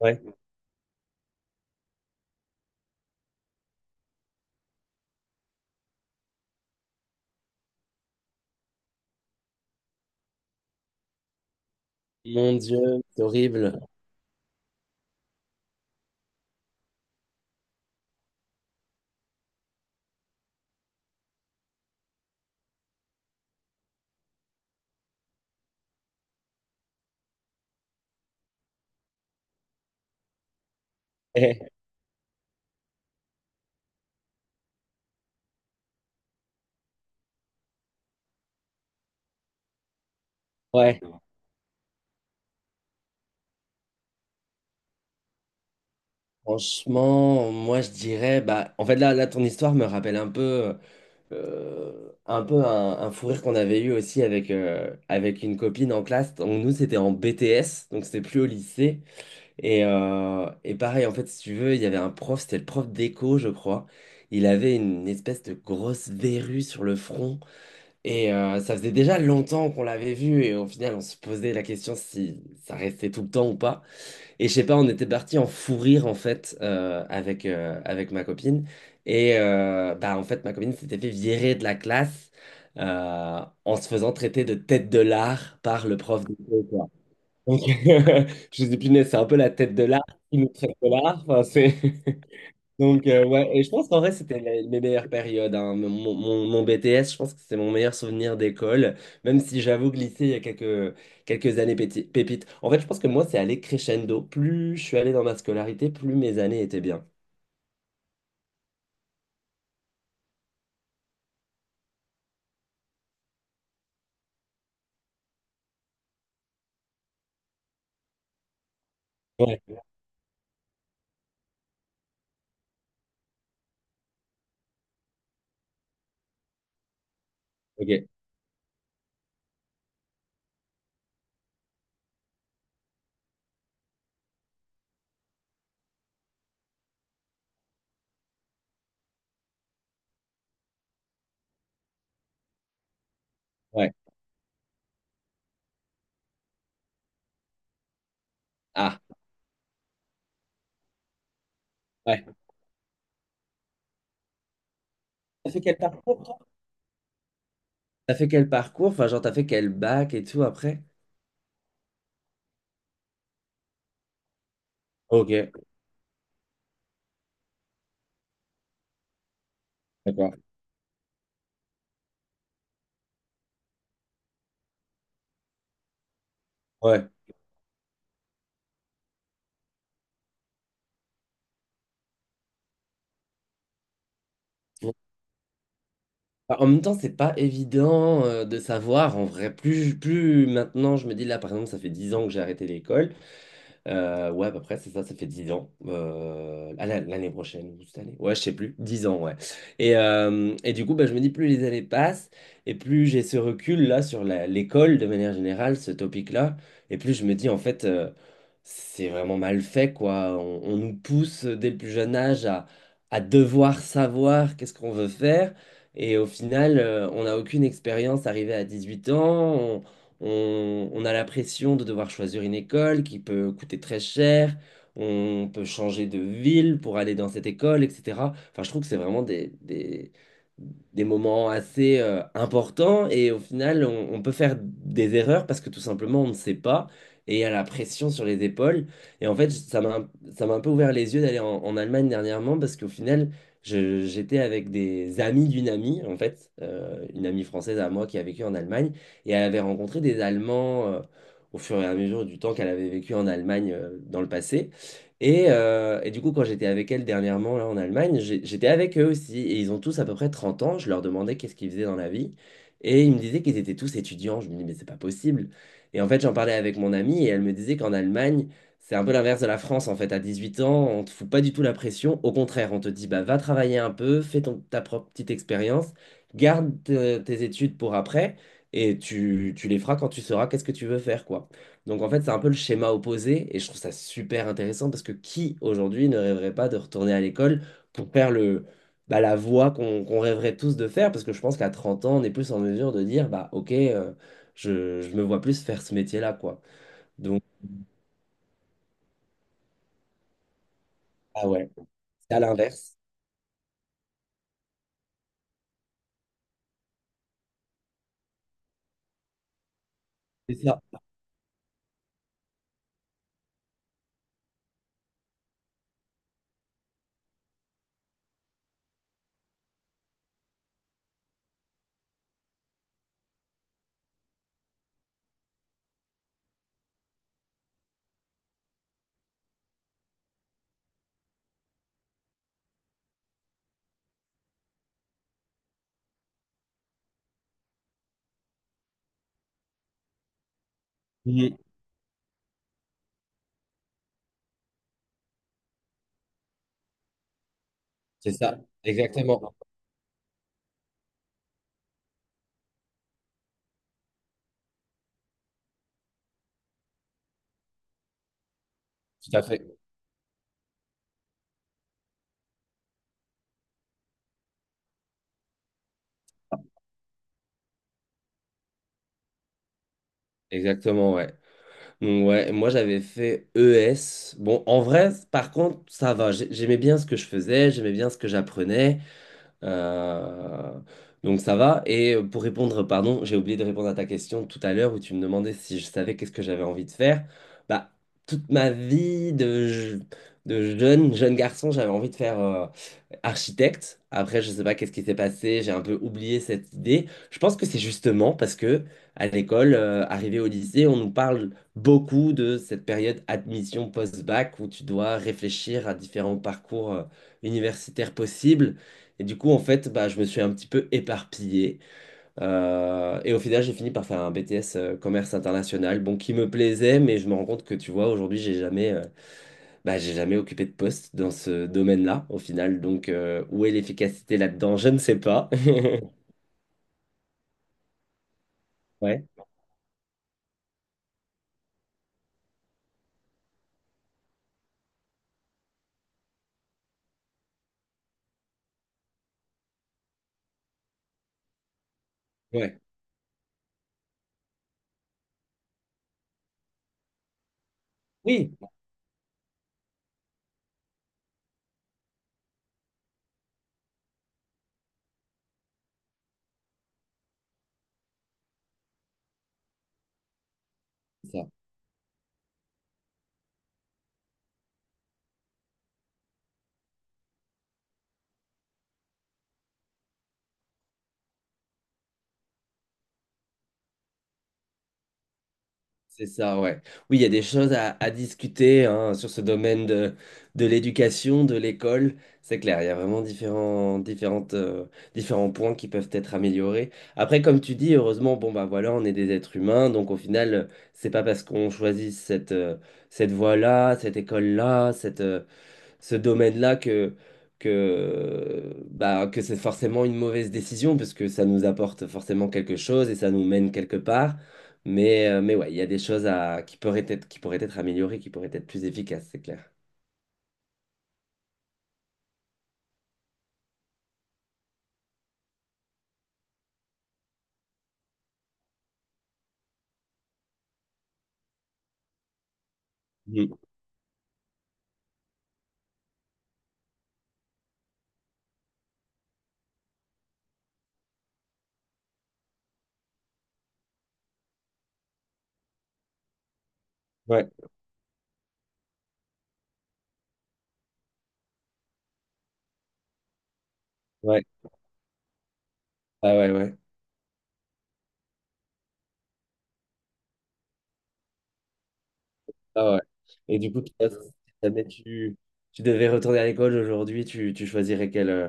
Ouais. Mon Dieu, c'est horrible. Eh, ouais. Franchement, moi je dirais, bah, en fait là ton histoire me rappelle un peu, un peu un fou rire qu'on avait eu aussi avec une copine en classe. Donc, nous c'était en BTS, donc c'était plus au lycée. Et pareil, en fait, si tu veux, il y avait un prof, c'était le prof d'éco, je crois. Il avait une espèce de grosse verrue sur le front. Ça faisait déjà longtemps qu'on l'avait vu et au final on se posait la question si ça restait tout le temps ou pas. Et je sais pas, on était parti en fou rire en fait avec ma copine. Bah en fait ma copine s'était fait virer de la classe en se faisant traiter de tête de l'art par le prof de quoi. Donc je me suis dit mais c'est un peu la tête de l'art qui nous traite de l'art. Enfin, c'est donc, ouais, et je pense qu'en vrai, c'était mes meilleures périodes, hein. Mon BTS, je pense que c'est mon meilleur souvenir d'école, même si j'avoue que lycée, il y a quelques années pépites. En fait, je pense que moi, c'est allé crescendo. Plus je suis allé dans ma scolarité, plus mes années étaient bien. Ouais, ok, ouais. Ah, ouais. T'as fait quel parcours, toi? T'as fait quel parcours? Enfin, genre, t'as fait quel bac et tout après? Ok, d'accord. Ouais. Enfin, en même temps, c'est pas évident de savoir en vrai. Plus maintenant, je me dis là, par exemple, ça fait 10 ans que j'ai arrêté l'école. Ouais, à peu près, c'est ça, ça fait 10 ans. L'année prochaine ou cette année. Ouais, je sais plus. 10 ans, ouais. Et du coup, bah, je me dis, plus les années passent, et plus j'ai ce recul-là sur l'école, de manière générale, ce topic-là, et plus je me dis, en fait, c'est vraiment mal fait, quoi. On nous pousse dès le plus jeune âge à devoir savoir qu'est-ce qu'on veut faire, et au final, on n'a aucune expérience arrivée à 18 ans. On a la pression de devoir choisir une école qui peut coûter très cher. On peut changer de ville pour aller dans cette école, etc. Enfin, je trouve que c'est vraiment des moments assez importants et au final, on peut faire des erreurs parce que tout simplement, on ne sait pas et il y a la pression sur les épaules. Et en fait, ça m'a un peu ouvert les yeux d'aller en Allemagne dernièrement parce qu'au final, j'étais avec des amis d'une amie, en fait, une amie française à moi qui a vécu en Allemagne. Et elle avait rencontré des Allemands au fur et à mesure du temps qu'elle avait vécu en Allemagne dans le passé. Et du coup, quand j'étais avec elle dernièrement là, en Allemagne, j'étais avec eux aussi. Et ils ont tous à peu près 30 ans. Je leur demandais qu'est-ce qu'ils faisaient dans la vie. Et ils me disaient qu'ils étaient tous étudiants. Je me dis, mais c'est pas possible. Et en fait, j'en parlais avec mon amie et elle me disait qu'en Allemagne, c'est un peu l'inverse de la France. En fait, à 18 ans, on te fout pas du tout la pression. Au contraire, on te dit, bah, va travailler un peu, ta propre petite expérience, garde tes études pour après. Et tu les feras quand tu sauras qu'est-ce que tu veux faire, quoi. Donc en fait, c'est un peu le schéma opposé, et je trouve ça super intéressant parce que qui aujourd'hui ne rêverait pas de retourner à l'école pour faire le, bah, la voie qu'on rêverait tous de faire? Parce que je pense qu'à 30 ans, on est plus en mesure de dire, bah ok, je me vois plus faire ce métier-là, quoi. Donc, ah ouais, c'est à l'inverse. C'est ça. Mhm. C'est ça, exactement. Tout à fait. Exactement, ouais. Donc, ouais, moi j'avais fait ES. Bon, en vrai, par contre, ça va. J'aimais bien ce que je faisais, j'aimais bien ce que j'apprenais. Euh, donc ça va. Et pour répondre, pardon, j'ai oublié de répondre à ta question tout à l'heure où tu me demandais si je savais qu'est-ce que j'avais envie de faire. Bah, toute ma vie de, de jeune, jeune garçon, j'avais envie de faire architecte. Après, je sais pas qu'est-ce qui s'est passé, j'ai un peu oublié cette idée. Je pense que c'est justement parce que à l'école, arrivé au lycée, on nous parle beaucoup de cette période admission post-bac où tu dois réfléchir à différents parcours universitaires possibles. Et du coup, en fait, bah, je me suis un petit peu éparpillé. Et au final, j'ai fini par faire un BTS commerce international, bon, qui me plaisait, mais je me rends compte que, tu vois, aujourd'hui, j'ai jamais, bah, j'ai jamais occupé de poste dans ce domaine-là, au final. Donc, où est l'efficacité là-dedans? Je ne sais pas. Ouais. Ouais. Oui. C'est ça, ouais. Oui, il y a des choses à discuter hein, sur ce domaine de l'éducation, de l'école. C'est clair, il y a vraiment différents points qui peuvent être améliorés. Après, comme tu dis, heureusement, bon, bah voilà, on est des êtres humains. Donc, au final, c'est pas parce qu'on choisit cette voie-là, cette école-là, ce domaine-là que, bah, que c'est forcément une mauvaise décision parce que ça nous apporte forcément quelque chose et ça nous mène quelque part. Mais ouais, il y a des choses qui pourraient être améliorées, qui pourraient être plus efficaces, c'est clair. Mhm. Ouais, ouais, ah ouais, ouais, ah ouais. Et du coup, toi, si jamais tu devais retourner à l'école aujourd'hui, tu choisirais quel, euh,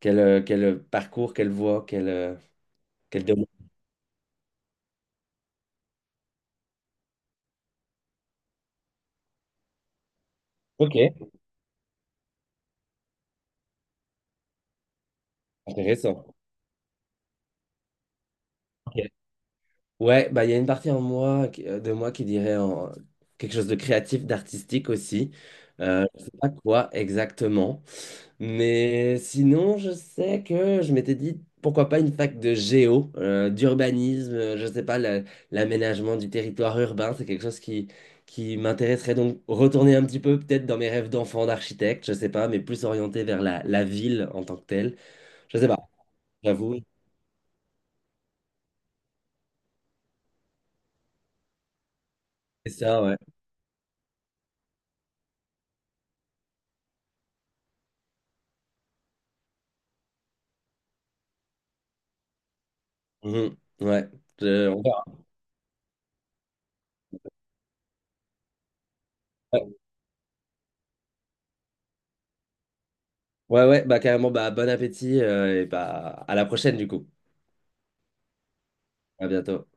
quel, euh, quel parcours, quelle voie, quel domaine. Ok, intéressant. Ok. Ouais, bah il y a une partie en moi, de moi qui dirait en quelque chose de créatif, d'artistique aussi. Je sais pas quoi exactement. Mais sinon, je sais que je m'étais dit, pourquoi pas une fac de géo, d'urbanisme, je sais pas, l'aménagement du territoire urbain, c'est quelque chose qui m'intéresserait. Donc retourner un petit peu peut-être dans mes rêves d'enfant, d'architecte, je sais pas, mais plus orienté vers la ville en tant que telle. Je sais pas, j'avoue, c'est ça, ouais. Mhm, ouais, on verra. Ouais, ouais, bah carrément, bah bon appétit et bah à la prochaine du coup. À bientôt.